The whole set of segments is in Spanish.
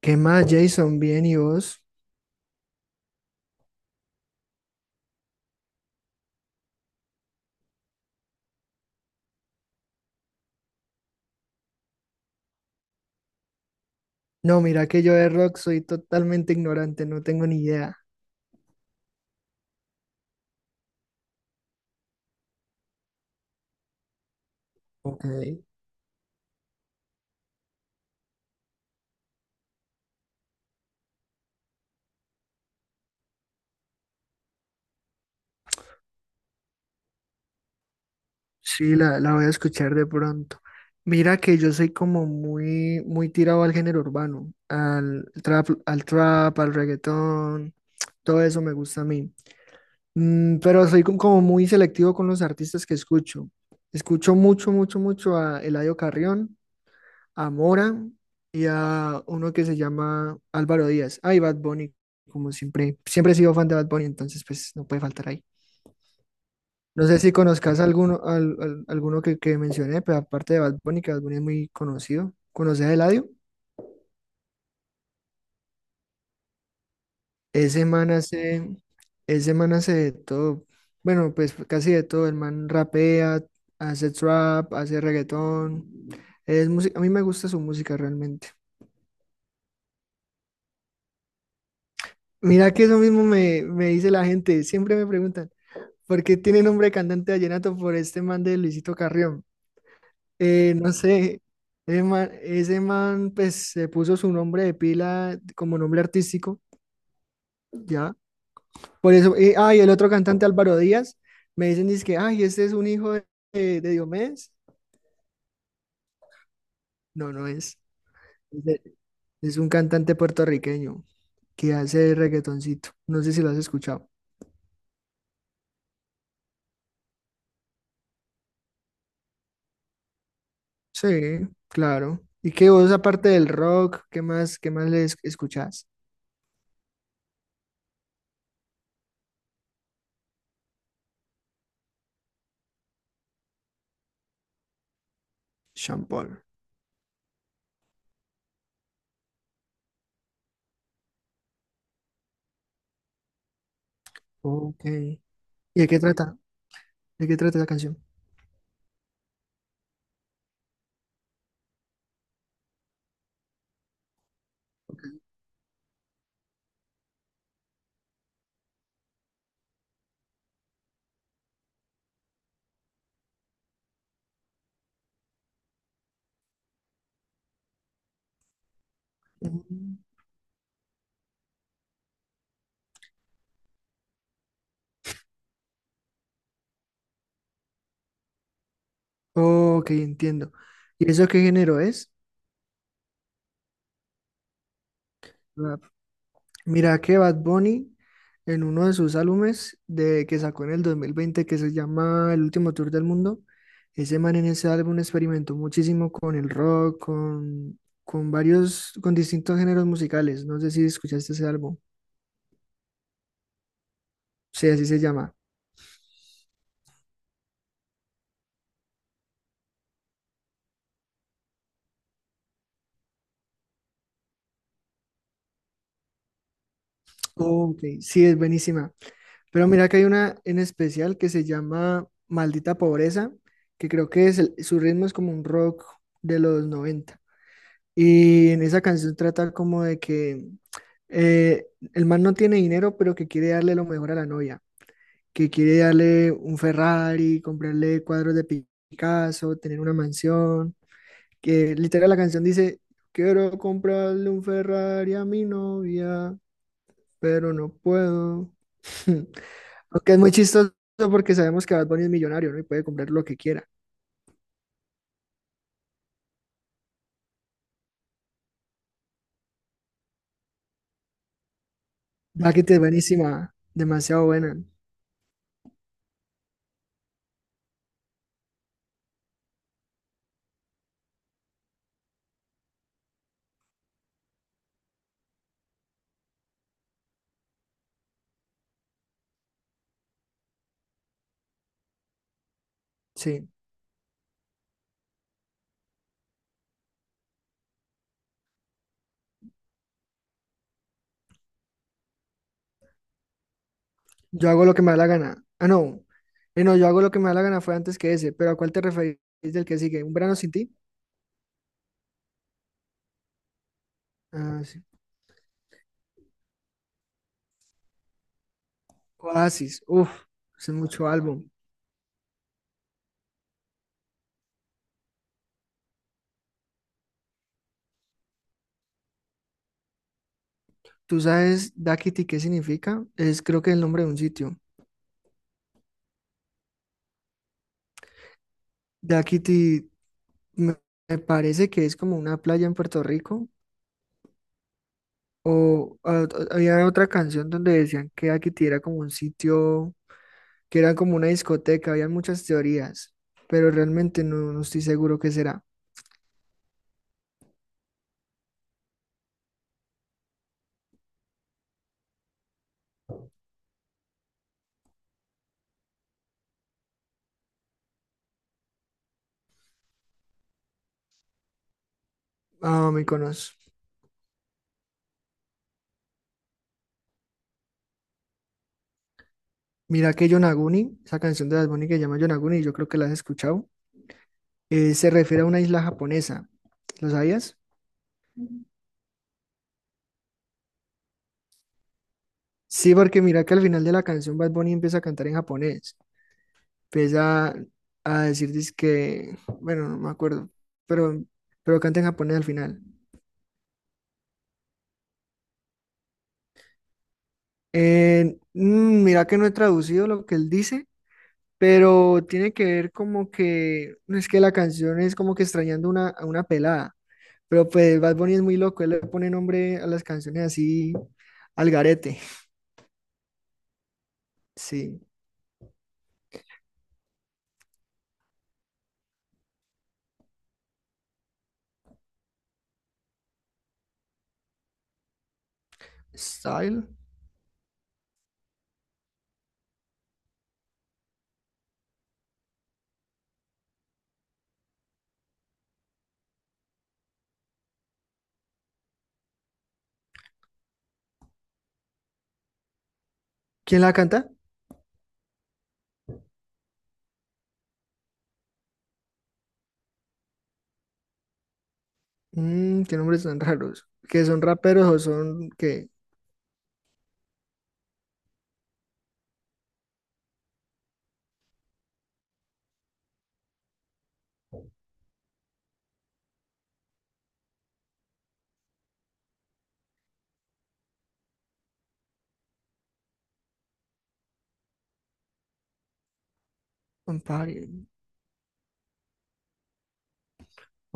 ¿Qué más, Jason? ¿Bien y vos? No, mira que yo de rock soy totalmente ignorante, no tengo ni idea. Ok. Sí, la voy a escuchar de pronto. Mira que yo soy como muy, muy tirado al género urbano, al trap, al reggaetón, todo eso me gusta a mí. Mm, pero soy como muy selectivo con los artistas que escucho. Escucho mucho, mucho, mucho a Eladio Carrión, a Mora y a uno que se llama Álvaro Díaz. Ay, Bad Bunny, como siempre, siempre he sido fan de Bad Bunny, entonces pues no puede faltar ahí. No sé si conozcas alguno, alguno que mencioné, pero aparte de Bad Bunny, que Bad Bunny es muy conocido. ¿Conoces a Eladio? Ese man hace, Ese man hace de todo, bueno, pues casi de todo. El man rapea, hace trap, hace reggaetón. Es música, a mí me gusta su música realmente. Mira que eso mismo me dice la gente, siempre me preguntan, porque tiene nombre de cantante de vallenato por este man de Luisito Carrión. No sé, ese man, pues se puso su nombre de pila como nombre artístico, ya. Por eso, ah, y el otro cantante Álvaro Díaz, me dicen que ay, este es un hijo de Diomedes. No, no es. Es, de- es un cantante puertorriqueño que hace reggaetoncito. No sé si lo has escuchado. Sí, claro. ¿Y qué vos, aparte del rock, qué más le escuchás? Sean Paul. Ok. ¿Y de qué trata? ¿De qué trata la canción? Mm. Ok, entiendo. ¿Y eso qué género es? Rap. Mira que Bad Bunny en uno de sus álbumes de, que sacó en el 2020, que se llama El último tour del mundo, ese man en ese álbum experimentó muchísimo con el rock, con varios, con distintos géneros musicales. No sé si escuchaste ese álbum. Sí, así se llama. Ok, sí, es buenísima. Pero mira que hay una en especial que se llama Maldita Pobreza, que creo que es su ritmo es como un rock de los noventa. Y en esa canción trata como de que eh, el man no tiene dinero, pero que quiere darle lo mejor a la novia, que quiere darle un Ferrari, comprarle cuadros de Picasso, tener una mansión, que literal la canción dice: quiero comprarle un Ferrari a mi novia, pero no puedo. Aunque es muy chistoso porque sabemos que Bad Bunny es millonario, ¿no? Y puede comprar lo que quiera. Bucket es buenísima, demasiado buena. Sí, yo hago lo que me da la gana. Ah, no. No, yo hago lo que me da la gana fue antes que ese. ¿Pero a cuál te referís del que sigue? ¿Un verano sin ti? Ah, sí. Oasis. Uf, es mucho álbum. ¿Tú sabes Dakity qué significa? Es creo que el nombre de un sitio. Dakity me me parece que es como una playa en Puerto Rico. O había otra canción donde decían que Akiti era como un sitio, que era como una discoteca, había muchas teorías, pero realmente no, no estoy seguro qué será. Ah, me conozco. Mira que Yonaguni, esa canción de Bad Bunny que se llama Yonaguni, yo creo que la has escuchado, se refiere a una isla japonesa. ¿Lo sabías? Sí, porque mira que al final de la canción Bad Bunny empieza a cantar en japonés. Empieza a decir que, bueno, no me acuerdo, pero, pero canta en japonés al final. Mm, mira que no he traducido lo que él dice, pero tiene que ver como que, no, es que la canción es como que extrañando a una pelada, pero pues Bad Bunny es muy loco, él le pone nombre a las canciones así al garete. Sí. Style. ¿Quién la canta? Mm, qué nombres tan raros. ¿Que son raperos o son qué? Un party.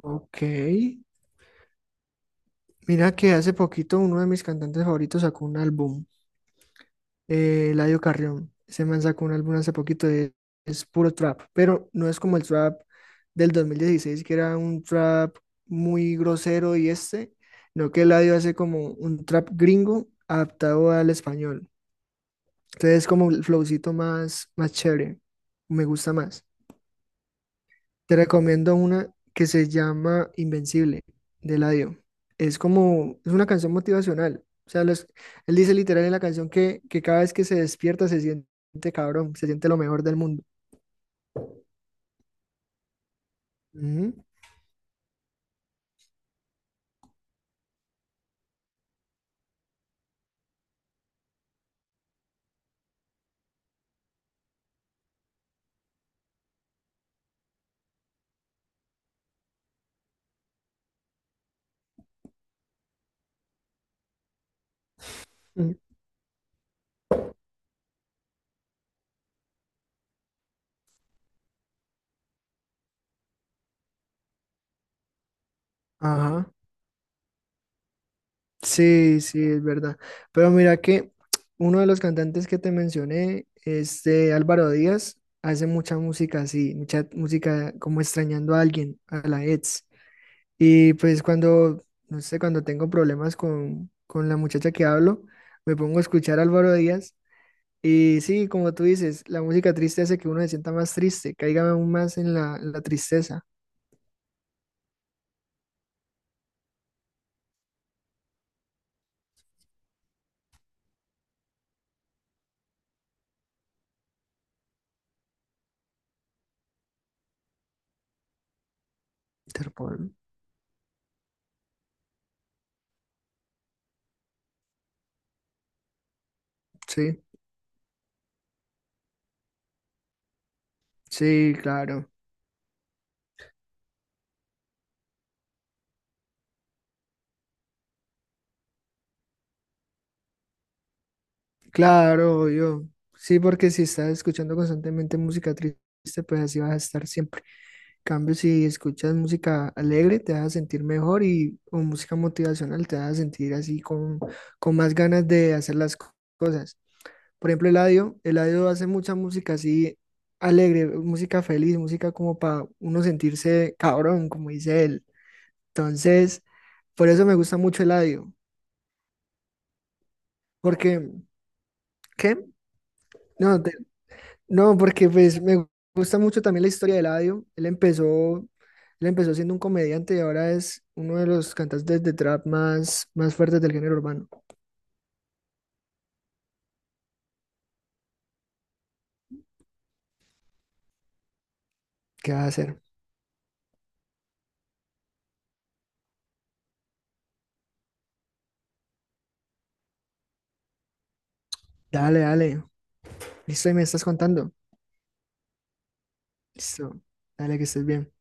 Ok. Mira que hace poquito uno de mis cantantes favoritos sacó un álbum, Eladio Carrión. Ese man sacó un álbum hace poquito, de- es puro trap, pero no es como el trap del 2016, que era un trap muy grosero, y este, no, que Eladio hace como un trap gringo adaptado al español. Entonces es como el flowcito más, más chévere, me gusta más. Te recomiendo una que se llama Invencible, de Eladio. Es como, es una canción motivacional. O sea, él dice literal en la canción que cada vez que se despierta se siente cabrón, se siente lo mejor del mundo. Ujú, ujú. Ajá. Sí, sí, es verdad. Pero mira que uno de los cantantes que te mencioné, este Álvaro Díaz, hace mucha música así, mucha música como extrañando a alguien, a la ex. Y pues cuando, no sé, cuando tengo problemas con, la muchacha que hablo, me pongo a escuchar a Álvaro Díaz. Y sí, como tú dices, la música triste hace que uno se sienta más triste, caiga aún más en en la tristeza. Interpol. Sí, sí, claro. Claro, yo. Sí, porque si estás escuchando constantemente música triste, pues así vas a estar siempre. En cambio, si escuchas música alegre, te vas a sentir mejor, y o música motivacional, te vas a sentir así con más ganas de hacer las cosas. Por ejemplo, Eladio, Eladio hace mucha música así alegre, música feliz, música como para uno sentirse cabrón, como dice él. Entonces, por eso me gusta mucho Eladio, porque, ¿qué? No. No, porque pues me gusta mucho también la historia de Eladio. Él empezó siendo un comediante y ahora es uno de los cantantes de trap más, más fuertes del género urbano. ¿Qué vas a hacer? Dale, dale. Listo, y me estás contando. Listo. Dale, que estés bien.